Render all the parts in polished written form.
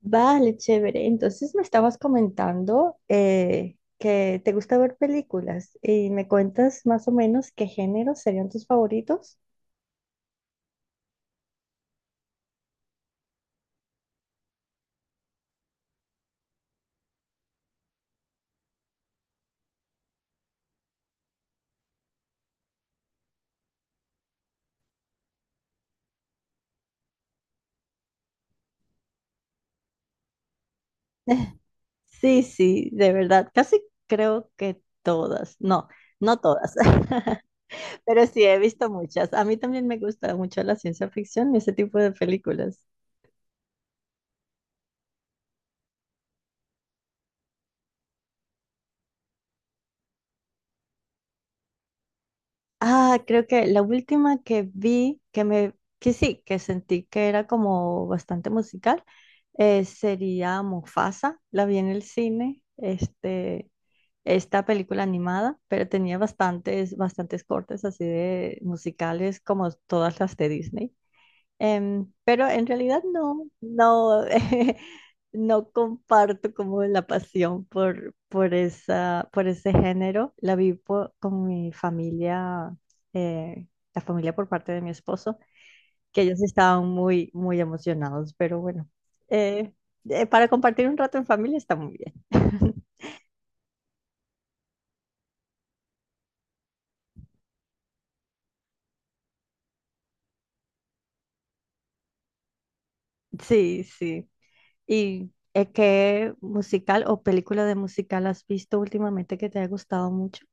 Vale, chévere. Entonces me estabas comentando que te gusta ver películas y me cuentas más o menos qué géneros serían tus favoritos. Sí, sí, de verdad, casi creo que todas, no, no todas, pero sí he visto muchas. A mí también me gusta mucho la ciencia ficción y ese tipo de películas. Ah, creo que la última que vi, que sí, que sentí que era como bastante musical, sería Mufasa. La vi en el cine, esta película animada, pero tenía bastantes cortes así de musicales como todas las de Disney. Pero en realidad no, no comparto como la pasión por esa, por ese género. La vi con mi familia, eh, la familia por parte de mi esposo, que ellos estaban muy emocionados, pero bueno, eh, para compartir un rato en familia está muy bien. Sí, sí. ¿Y qué musical o película de musical has visto últimamente que te haya gustado mucho?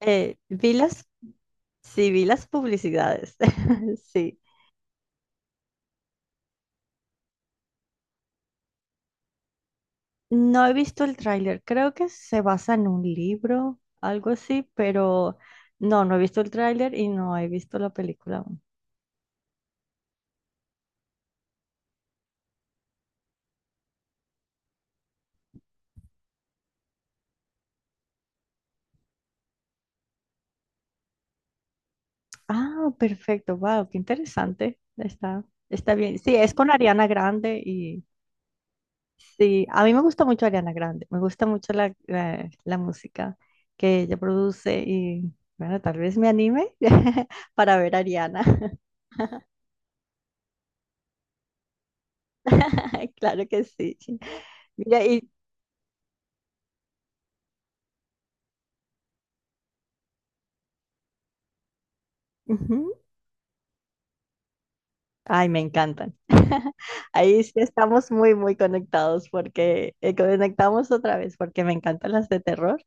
Vi las Sí, vi las publicidades. Sí. No he visto el tráiler. Creo que se basa en un libro, algo así, pero no, no he visto el tráiler y no he visto la película aún. Ah, perfecto. Wow, qué interesante. Está bien. Sí, es con Ariana Grande y sí, a mí me gusta mucho Ariana Grande. Me gusta mucho la música que ella produce y bueno, tal vez me anime para ver a Ariana. Claro que sí. Mira, y Ujú. Ay, me encantan. Ahí sí estamos muy conectados porque conectamos otra vez porque me encantan las de terror.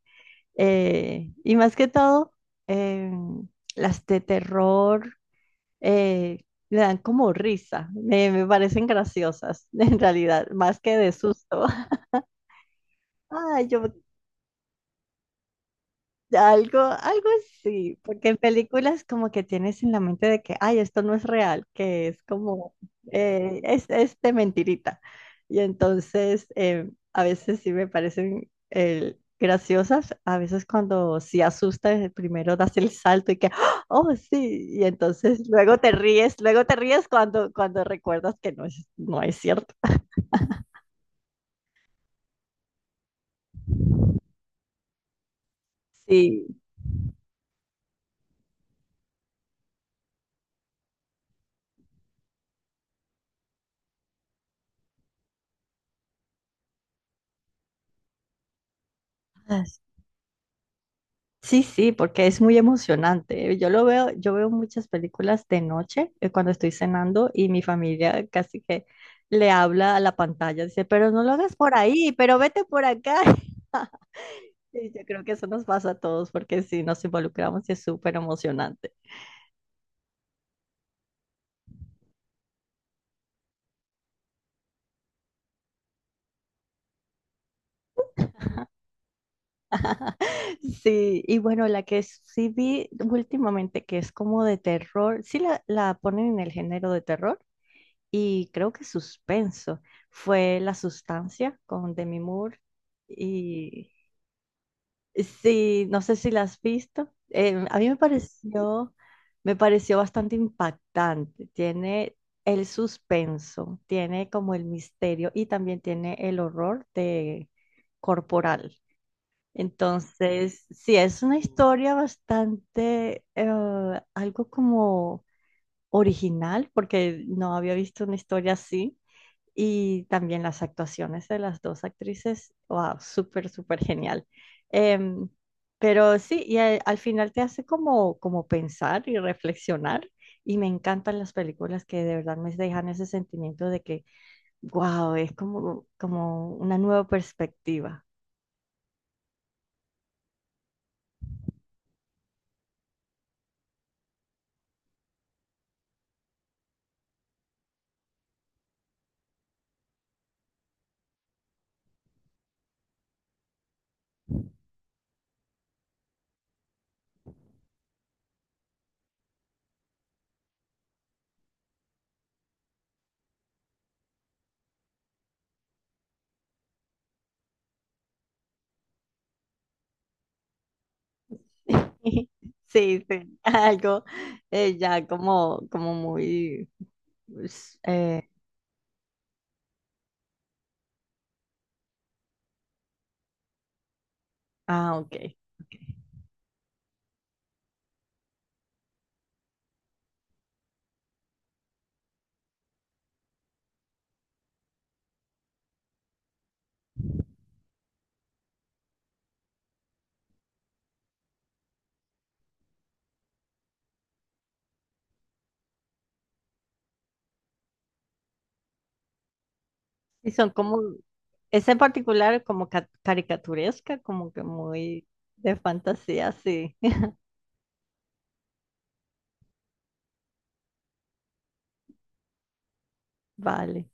Y más que todo, em, las de terror eh, me dan como risa. Me parecen graciosas, en realidad, más que de susto. Ay, yo algo así, porque en películas como que tienes en la mente de que, ay, esto no es real, que es como, es de mentirita. Y entonces a veces sí me parecen graciosas, a veces cuando sí asustas, primero das el salto y que, ¡ah! Oh, sí, y entonces luego te ríes cuando recuerdas que no es cierto. Sí. Sí, sí, porque es muy emocionante. ¿Eh? Yo lo veo, yo veo muchas películas de noche cuando estoy cenando y mi familia casi que le habla a la pantalla, dice, pero no lo hagas por ahí, pero vete por acá. Y yo creo que eso nos pasa a todos porque si nos involucramos y es súper emocionante. Sí, y bueno, la que sí vi últimamente que es como de terror, sí la ponen en el género de terror y creo que suspenso, fue La Sustancia con Demi Moore. Y sí, no sé si la has visto. A mí me pareció bastante impactante. Tiene el suspenso, tiene como el misterio y también tiene el horror de corporal. Entonces, sí, es una historia bastante, algo como original, porque no había visto una historia así. Y también las actuaciones de las dos actrices, wow, súper genial. Em, pero sí, y al final te hace como, como pensar y reflexionar. Y me encantan las películas que de verdad me dejan ese sentimiento de que, wow, es como, como una nueva perspectiva. Sí, sí, algo ya como, como muy... pues, ah, ok. Y son como, esa en particular como caricaturesca, como que muy de fantasía, sí. Vale.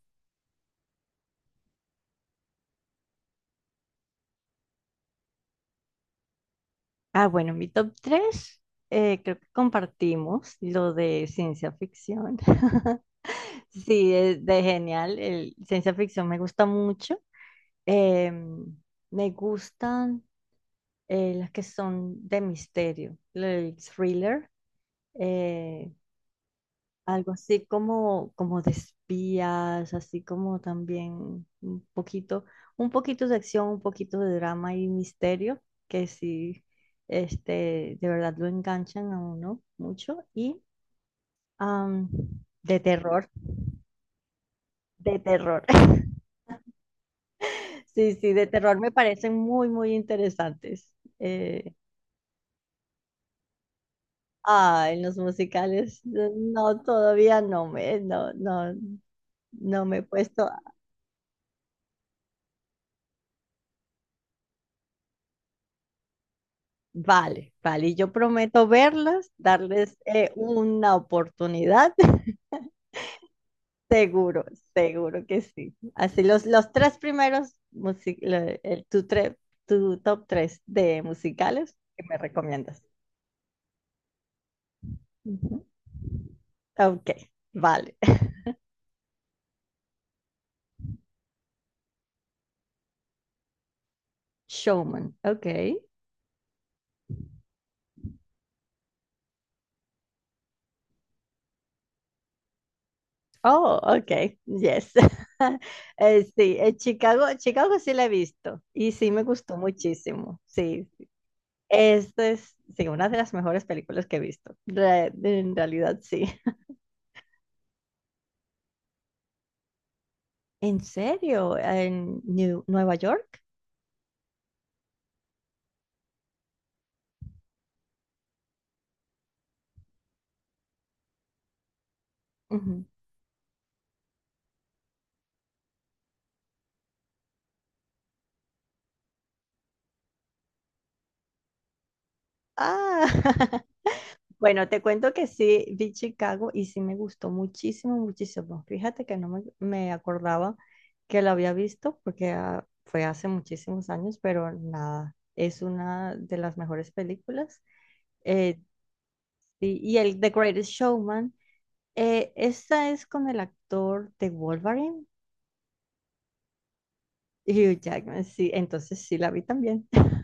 Ah, bueno, mi top 3 creo que compartimos lo de ciencia ficción. Sí, es de genial. El, ciencia ficción me gusta mucho. Em, Me gustan las que son de misterio, el thriller. Eh, algo así como, como de espías, así como también un poquito de acción, un poquito de drama y misterio, que sí, este, de verdad lo enganchan a uno mucho. Y am, de terror, de terror. Sí, sí, de terror me parecen muy interesantes. Eh, ah, en los musicales, no, todavía no me, no, no, no me he puesto. Vale, vale, y yo prometo verlas, darles una oportunidad, seguro, seguro que sí. Así los tres primeros, tu, tu top tres de musicales que me recomiendas. Ujú. Ok, vale. Showman, ok. Oh, ok, yes. Sí, Chicago, Chicago sí la he visto y sí me gustó muchísimo, sí, esta es, sí, una de las mejores películas que he visto. En realidad, sí. ¿En serio? ¿En Nueva York? Ujú. Ah, bueno, te cuento que sí, vi Chicago y sí me gustó muchísimo. Fíjate que no me, me acordaba que la había visto porque ah, fue hace muchísimos años, pero nada, es una de las mejores películas. Eh, y el The Greatest Showman, esta es con el actor de Wolverine, y Hugh Jackman, sí, entonces sí la vi también.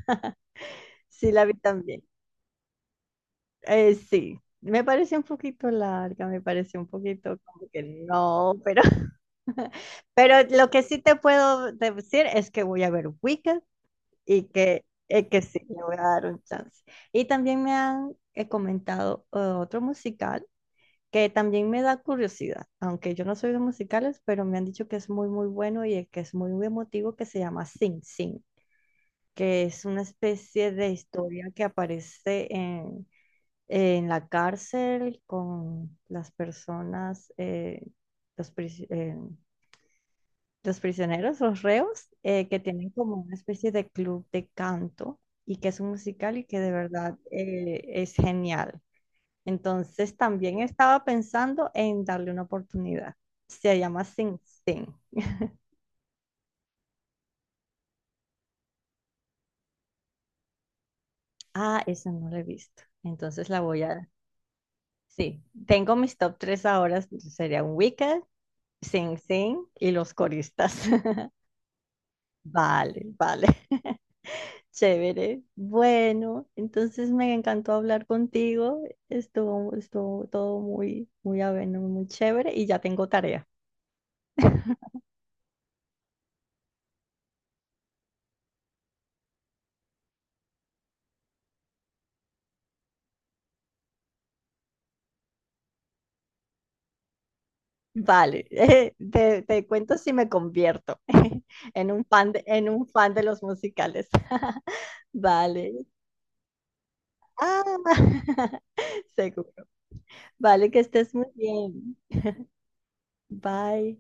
Sí la vi también. Sí, me parece un poquito larga, me parece un poquito como que no, pero, pero lo que sí te puedo decir es que voy a ver Wicked y que sí, le voy a dar un chance. Y también me han comentado otro musical que también me da curiosidad, aunque yo no soy de musicales, pero me han dicho que es muy bueno y que es muy emotivo, que se llama Sing Sing. Que es una especie de historia que aparece en la cárcel con las personas, los, pris- eh, los prisioneros, los reos, que tienen como una especie de club de canto y que es un musical y que de verdad es genial. Entonces también estaba pensando en darle una oportunidad. Se llama Sing Sing. Ah, esa no la he visto. Entonces la voy a... Sí, tengo mis top tres ahora, serían Wicked, Sing Sing y Los Coristas. Vale, vale. Chévere. Bueno, entonces me encantó hablar contigo. Estuvo todo muy ameno, muy chévere y ya tengo tarea. Vale, te cuento si me convierto en un fan de, en un fan de los musicales. Vale. Ah, seguro. Vale, que estés muy bien. Bye.